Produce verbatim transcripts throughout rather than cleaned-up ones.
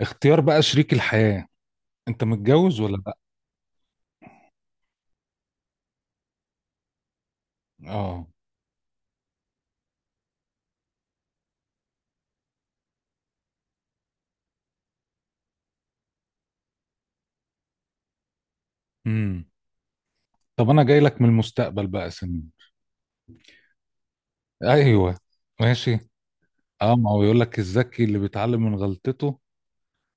اختيار بقى شريك الحياة. انت متجوز ولا لا؟ اه. امم. طب انا جاي لك من المستقبل بقى سن. ايوه، ماشي. اه، ما هو يقول لك الذكي اللي بيتعلم من غلطته،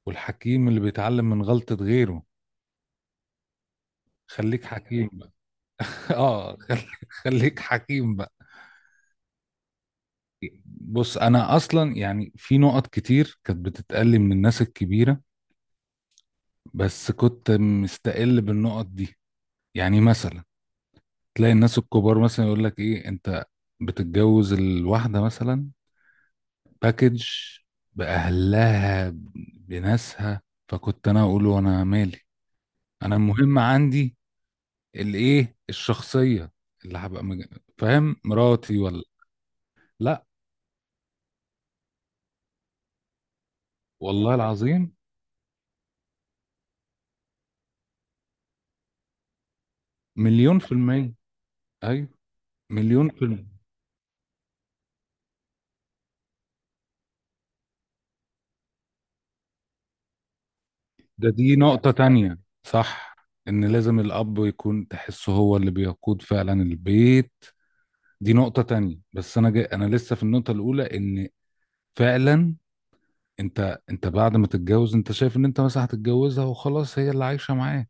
والحكيم اللي بيتعلم من غلطة غيره. خليك حكيم بقى. اه، خل- خليك حكيم بقى. بص، انا اصلا يعني في نقط كتير كانت بتتقال لي من الناس الكبيرة، بس كنت مستقل بالنقط دي. يعني مثلا تلاقي الناس الكبار مثلا يقول لك ايه انت بتتجوز الواحدة مثلا باكج، بأهلها، بناسها. فكنت انا اقول وانا مالي؟ انا المهم عندي الايه الشخصية اللي هبقى مج... فاهم مراتي ولا. لا والله العظيم، مليون في المية. ايوه، مليون في المية. ده دي نقطة تانية، صح؟ ان لازم الاب يكون تحسه هو اللي بيقود فعلا البيت. دي نقطة تانية، بس أنا جاي أنا لسه في النقطة الأولى. إن فعلا أنت أنت بعد ما تتجوز أنت شايف إن أنت مثلا هتتجوزها وخلاص هي اللي عايشة معاه.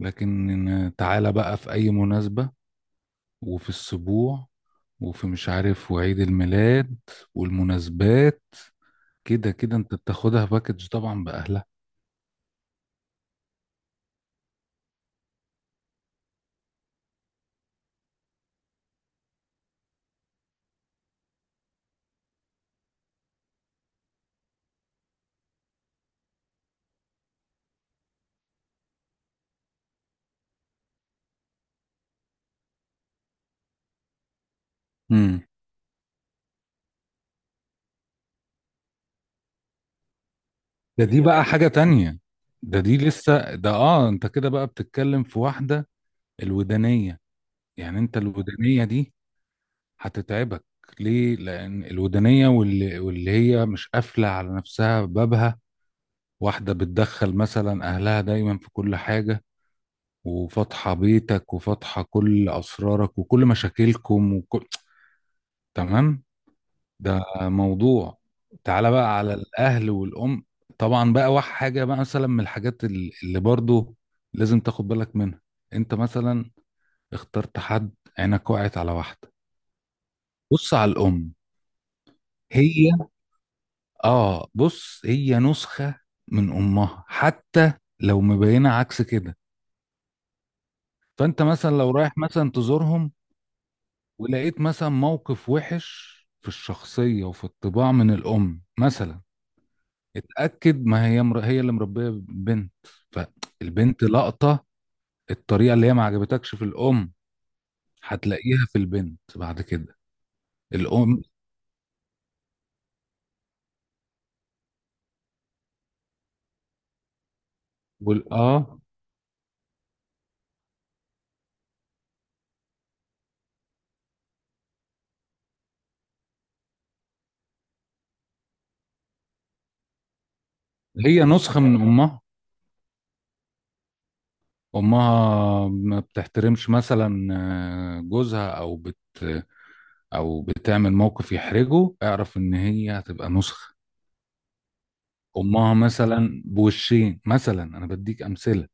لكن تعالى بقى في أي مناسبة، وفي السبوع، وفي مش عارف، وعيد الميلاد والمناسبات. كده كده أنت بتاخدها باكج طبعا بأهلها. امم. ده دي هي بقى باكج حاجة تانية. ده دي لسه ده آه، أنت كده بقى بتتكلم في واحدة، الودانية. يعني أنت الودانية دي هتتعبك. ليه؟ لان الودانيه واللي, واللي هي مش قافله على نفسها بابها. واحده بتدخل مثلا اهلها دايما في كل حاجه، وفاتحه بيتك، وفاتحه كل اسرارك وكل مشاكلكم وكل، تمام؟ ده موضوع. تعالى بقى على الاهل والام. طبعا بقى واحد حاجه بقى مثلا من الحاجات ال- اللي برضو لازم تاخد بالك منها. انت مثلا اخترت حد، عينك وقعت على واحده، بص على الام. هي، اه بص هي نسخة من امها، حتى لو مبينة عكس كده. فانت مثلا لو رايح مثلا تزورهم، ولقيت مثلا موقف وحش في الشخصية وفي الطباع من الام مثلا، اتأكد، ما هي مر... هي اللي مربية بنت، فالبنت لقطة. الطريقة اللي هي ما عجبتكش في الام، هتلاقيها في البنت بعد كده. الام وال... اه، هي نسخة من امها. امها ما بتحترمش مثلا آه، جوزها، او بت او بتعمل موقف يحرجه، اعرف ان هي هتبقى نسخة امها مثلا. بوشين مثلا، انا بديك امثلة.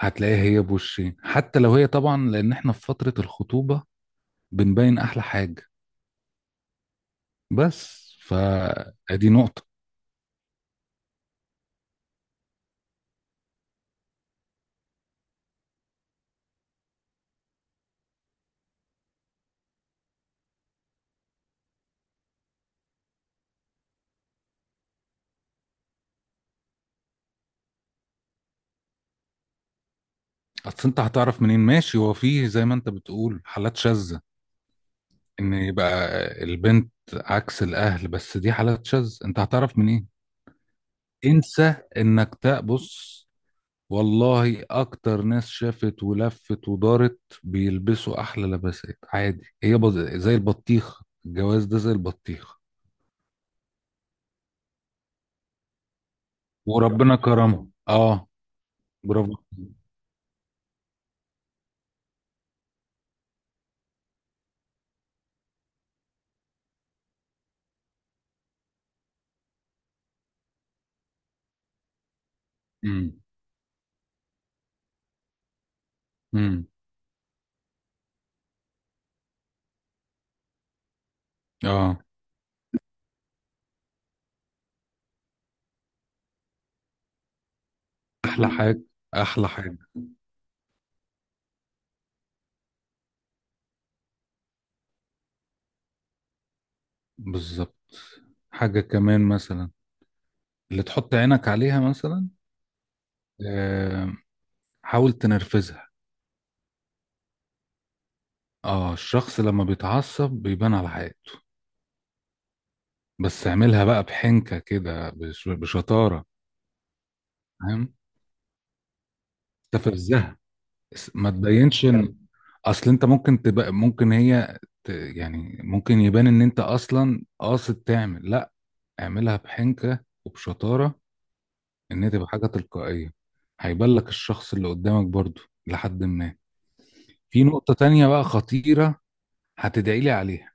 هتلاقيها هي بوشين، حتى لو هي طبعا لان احنا في فترة الخطوبة بنبين احلى حاجة، بس فادي نقطة. اصل انت هتعرف منين؟ ماشي، هو فيه زي ما انت بتقول حالات شاذة ان يبقى البنت عكس الاهل، بس دي حالات شاذة، انت هتعرف منين؟ انسى انك تبص. والله اكتر ناس شافت ولفت ودارت بيلبسوا احلى لباسات عادي، هي بز... زي البطيخ. الجواز ده زي البطيخ، وربنا كرمه. اه. برافو. امم. امم. اه. احلى حاجه. احلى حاجه. بالظبط. حاجه كمان مثلا اللي تحط عينك عليها مثلا، آه، حاول تنرفزها. اه الشخص لما بيتعصب بيبان على حياته. بس اعملها بقى بحنكة كده، بش- بشطارة، فاهم؟ تفزها. اس- ما تبينش ان، اصل انت ممكن تبقى ممكن هي ت... يعني ممكن يبان ان انت اصلا قاصد تعمل، لا، اعملها بحنكة وبشطارة، ان هي تبقى حاجة تلقائية. هيبان لك الشخص اللي قدامك برضو لحد ما. في نقطة تانية بقى خطيرة، هتدعي لي عليها.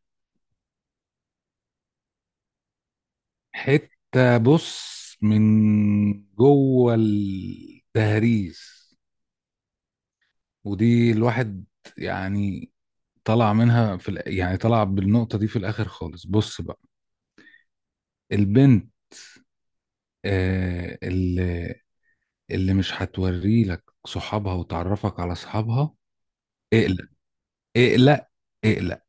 حتة بص من جوه التهريس. ودي الواحد يعني طلع منها في الآ- يعني طلع بالنقطة دي في الآخر خالص. بص بقى، البنت آه اللي اللي مش هتوري لك صحابها وتعرفك على صحابها، اقلق، اقلق، اقلق.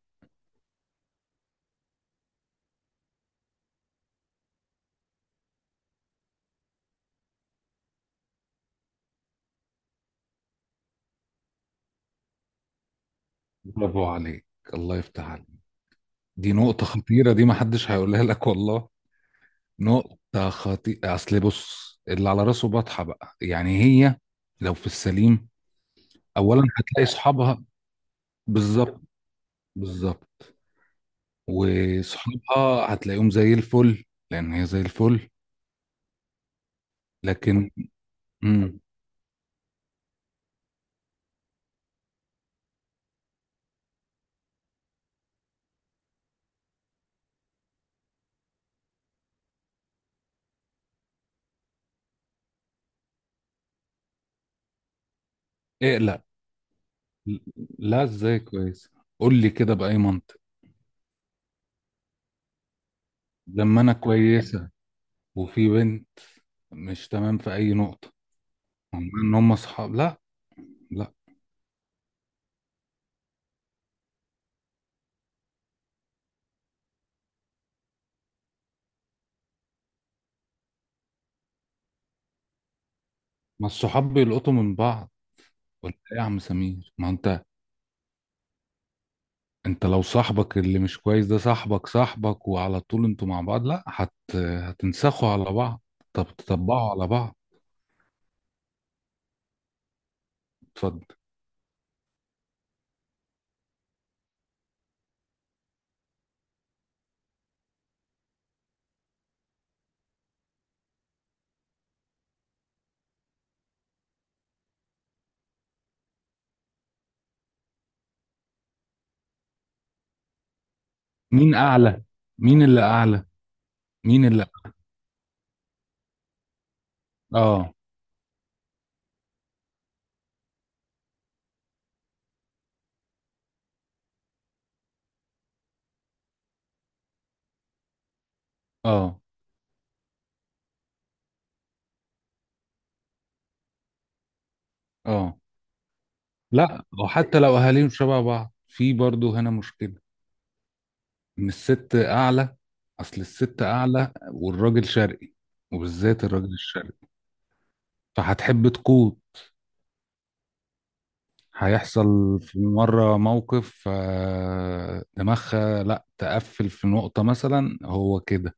برافو عليك، الله يفتح عليك. دي نقطة خطيرة، دي محدش هيقولها لك والله. نقطة خطيرة. أصل بص، اللي على راسه بطحة بقى، يعني هي لو في السليم، أولا هتلاقي صحابها. بالظبط، بالظبط. وصحابها هتلاقيهم زي الفل، لان هي زي الفل. لكن، امم، اقلق. لا، ازاي كويس؟ قول لي كده بأي منطق. لما انا كويسة وفي بنت مش تمام في اي نقطة، هم ان هم صحاب، لا، لا. ما الصحاب بيلقطوا من بعض، ولا إيه يا عم سمير؟ ما انت، انت لو صاحبك اللي مش كويس ده صاحبك صاحبك وعلى طول انتوا مع بعض، لا هت هتنسخوا على بعض، طب تطبقوا على بعض. اتفضل. مين اعلى؟ مين اللي اعلى؟ مين اللي؟ اه. اه. اه. لا، وحتى لو اهاليهم شبه بعض، في برضه هنا مشكلة، ان الست اعلى. اصل الست اعلى والراجل شرقي، وبالذات الراجل الشرقي، فهتحب تقود. هيحصل في مرة موقف، آه، دماغها لا تقفل في نقطة مثلا هو كده.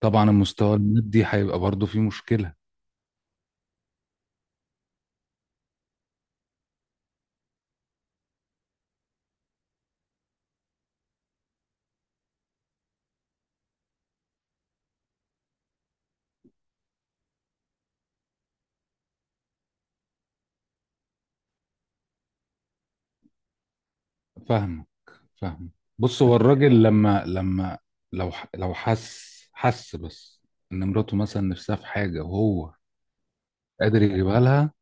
طبعا المستوى المادي هيبقى برضه فيه مشكلة. فاهمك، فاهمك. بص، هو الراجل لما لما لو ح- لو حس حس بس ان مراته مثلا نفسها في حاجه وهو قادر يجيبها لها،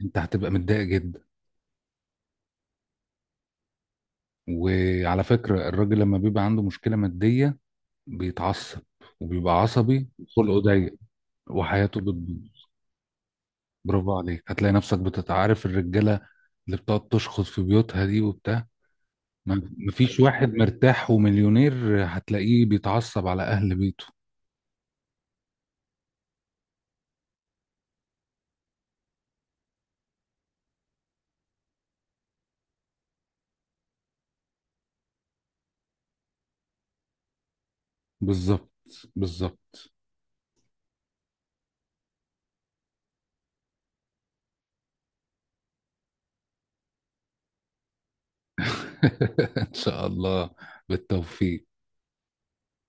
انت هتبقى متضايق جدا. وعلى فكره الراجل لما بيبقى عنده مشكله ماديه بيتعصب، وبيبقى عصبي وخلقه ضيق، وحياته بتبوظ. برافو عليك. هتلاقي نفسك بتتعارف الرجاله اللي بتقعد تشخص في بيوتها دي وبتاع، ما- مفيش واحد مرتاح ومليونير، هتلاقيه بيتعصب على اهل بيته. بالظبط، بالظبط. ان شاء الله، بالتوفيق.